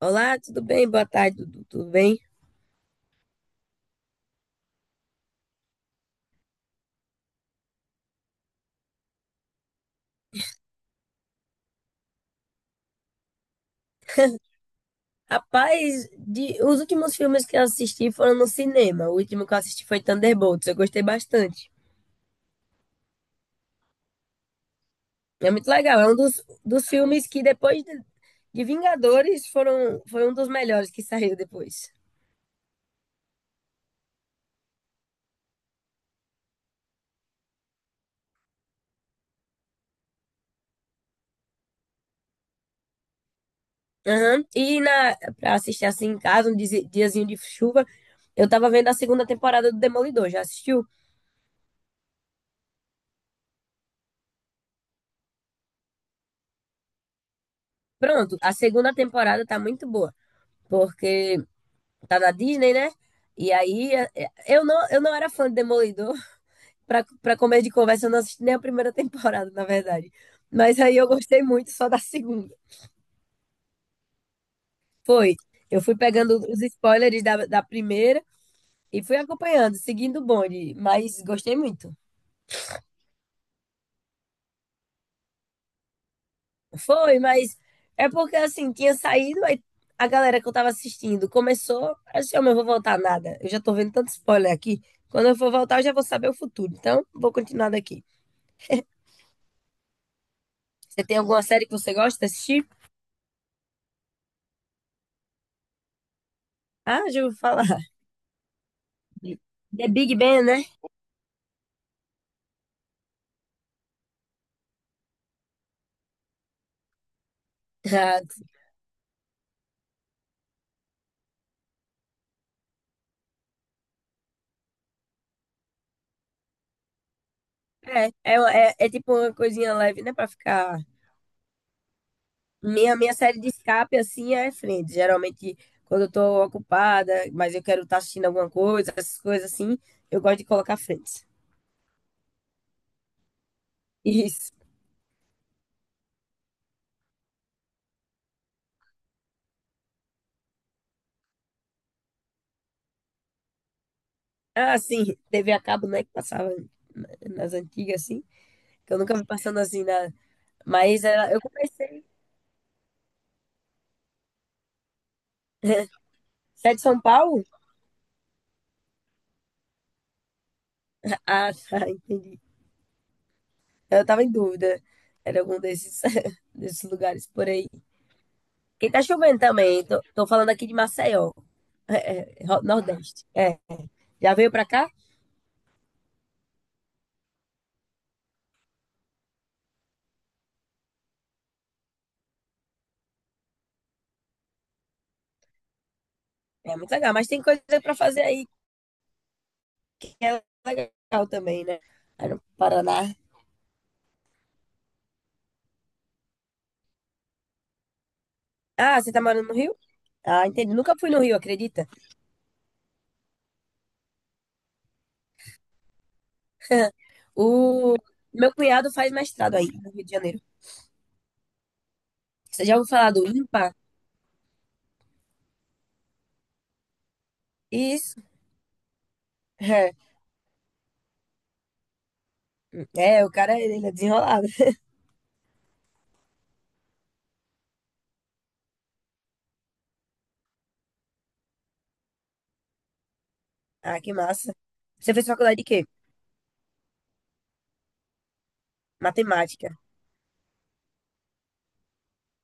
Olá, tudo bem? Boa tarde, Dudu. Tudo bem? Rapaz, os últimos filmes que eu assisti foram no cinema. O último que eu assisti foi Thunderbolts. Eu gostei bastante. É muito legal. É um dos filmes que depois de Vingadores foi um dos melhores que saiu depois. Aham. E pra assistir assim em casa, um diazinho de chuva, eu tava vendo a segunda temporada do Demolidor. Já assistiu? Pronto, a segunda temporada tá muito boa. Porque tá na Disney, né? E aí, eu não era fã de Demolidor. Pra comer de conversa, eu não assisti nem a primeira temporada, na verdade. Mas aí eu gostei muito só da segunda. Foi. Eu fui pegando os spoilers da primeira e fui acompanhando, seguindo o bonde. Mas gostei muito. Foi, mas é porque assim, tinha saído, aí a galera que eu tava assistindo começou. Assim, eu não vou voltar nada. Eu já tô vendo tanto spoiler aqui. Quando eu for voltar, eu já vou saber o futuro. Então, vou continuar daqui. Você tem alguma série que você gosta de assistir? Ah, já ouvi falar. The Big Bang, né? Ah, é, é, é tipo uma coisinha leve, né? Pra ficar. Minha série de escape, assim, é Friends. Geralmente, quando eu tô ocupada, mas eu quero estar assistindo alguma coisa, essas coisas assim, eu gosto de colocar Friends. Isso. Ah, sim, TV a cabo, né? Que passava na- nas antigas, assim, que eu nunca vi passando assim na. Mas eu comecei. Você é de São Paulo? Ah, tá, entendi. Eu tava em dúvida. Era algum desses, desses lugares por aí. Porque tá chovendo também. Tô falando aqui de Maceió, é, é, é, Nordeste. É. Já veio pra cá? É muito legal, mas tem coisa pra fazer aí que é legal também, né? Aí no Paraná. Ah, você tá morando no Rio? Ah, entendi. Nunca fui no Rio, acredita? O meu cunhado faz mestrado aí no Rio de Janeiro. Você já ouviu falar do IMPA? Isso. É, o cara, ele é desenrolado. Ah, que massa. Você fez faculdade de quê? Matemática.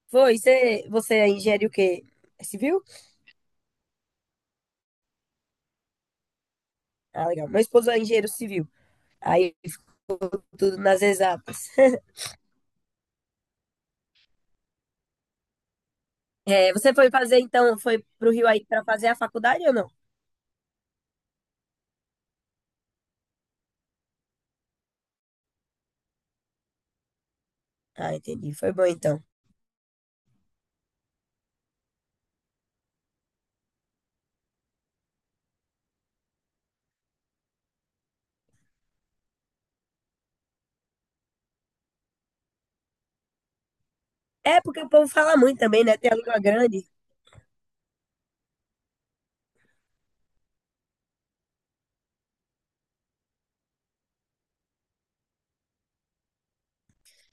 Foi, você é engenheiro o quê? É civil? Ah, legal. Meu esposo é engenheiro civil. Aí ficou tudo nas exatas. É, você foi fazer, então, foi pro Rio aí pra fazer a faculdade ou não? Ah, entendi. Foi bom, então. É, porque o povo fala muito também, né? Tem a língua grande.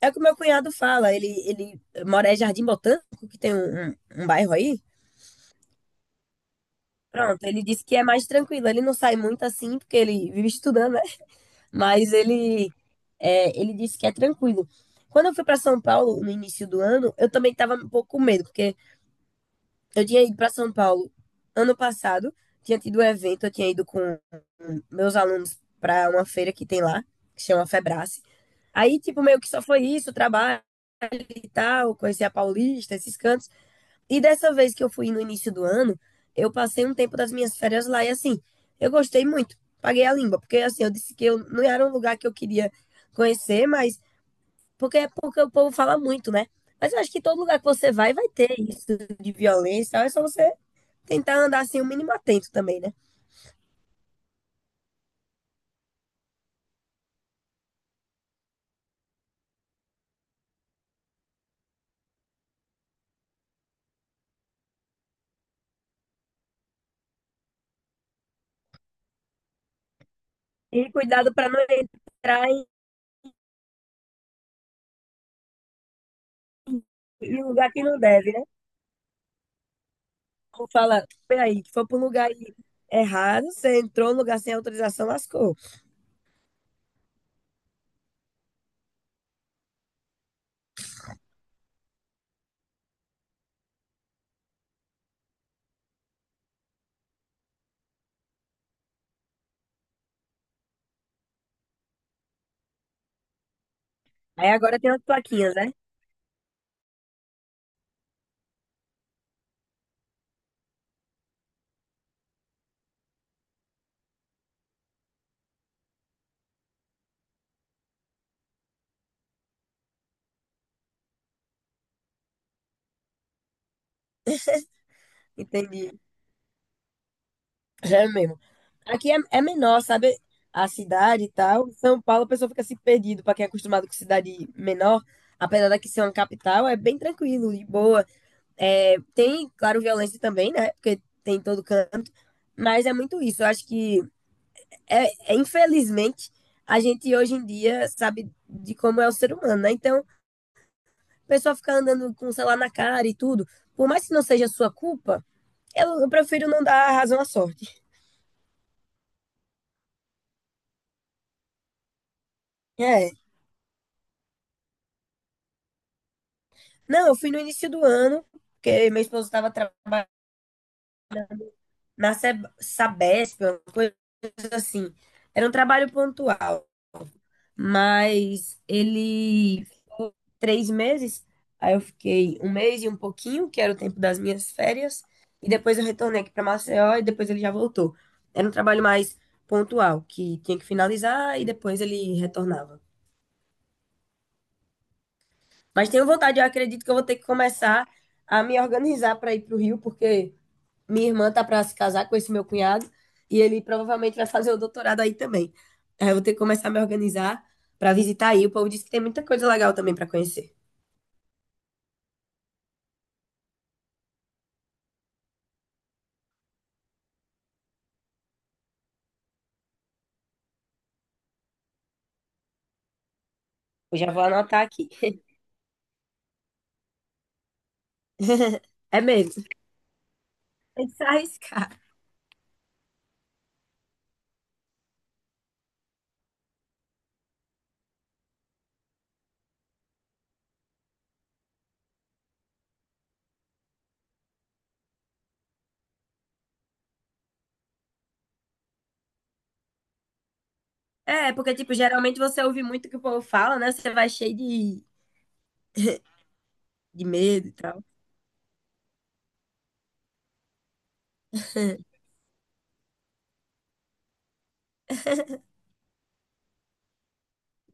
É o que o meu cunhado fala. Ele mora em Jardim Botânico, que tem um bairro aí. Pronto, ele disse que é mais tranquilo. Ele não sai muito assim, porque ele vive estudando, né? Mas ele, é, ele disse que é tranquilo. Quando eu fui para São Paulo no início do ano, eu também estava um pouco com medo, porque eu tinha ido para São Paulo ano passado, tinha tido um evento, eu tinha ido com meus alunos para uma feira que tem lá, que chama Febrace. Aí, tipo, meio que só foi isso, trabalho e tal, conheci a Paulista, esses cantos. E dessa vez que eu fui no início do ano, eu passei um tempo das minhas férias lá e assim, eu gostei muito. Paguei a língua, porque assim, eu disse que eu não era um lugar que eu queria conhecer, mas porque o povo fala muito, né? Mas eu acho que todo lugar que você vai, vai ter isso de violência, é só você tentar andar assim o mínimo atento também, né? E cuidado para não entrar em lugar que não deve, né? Como fala, peraí, que foi para um lugar errado, você entrou no lugar sem autorização, lascou. Aí agora tem as plaquinhas, né? Entendi. Já é mesmo. Aqui é, é menor, sabe? A cidade e tal. São Paulo, a pessoa fica assim perdido. Pra quem é acostumado com cidade menor, apesar daqui ser uma capital, é bem tranquilo de boa. É, tem, claro, violência também, né? Porque tem em todo canto. Mas é muito isso. Eu acho que, é, é, infelizmente, a gente hoje em dia sabe de como é o ser humano, né? Então, a pessoa fica andando com o celular na cara e tudo. Por mais que não seja sua culpa, eu prefiro não dar razão à sorte. É. Não, eu fui no início do ano, porque meu esposo estava trabalhando na Sabesp, uma coisa assim. Era um trabalho pontual, mas ele, 3 meses, aí eu fiquei 1 mês e um pouquinho, que era o tempo das minhas férias, e depois eu retornei aqui para Maceió e depois ele já voltou. Era um trabalho mais pontual, que tinha que finalizar e depois ele retornava. Mas tenho vontade, eu acredito que eu vou ter que começar a me organizar para ir para o Rio, porque. Minha irmã tá pra se casar com esse meu cunhado e ele provavelmente vai fazer o doutorado aí também. Aí eu vou ter que começar a me organizar pra visitar aí. O povo disse que tem muita coisa legal também pra conhecer. Eu já vou anotar aqui. É mesmo, tem que se arriscar. É, porque, tipo, geralmente você ouve muito o que o povo fala, né? Você vai cheio de medo e tal,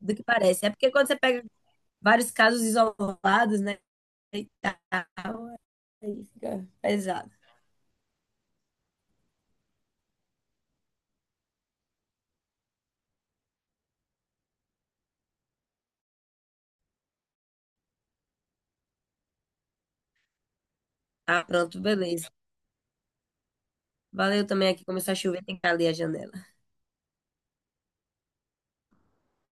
do que parece. É porque quando você pega vários casos isolados, né? E tá, aí fica pesado. Ah, pronto, beleza. Valeu também aqui, começou a chover, tem que abrir a janela.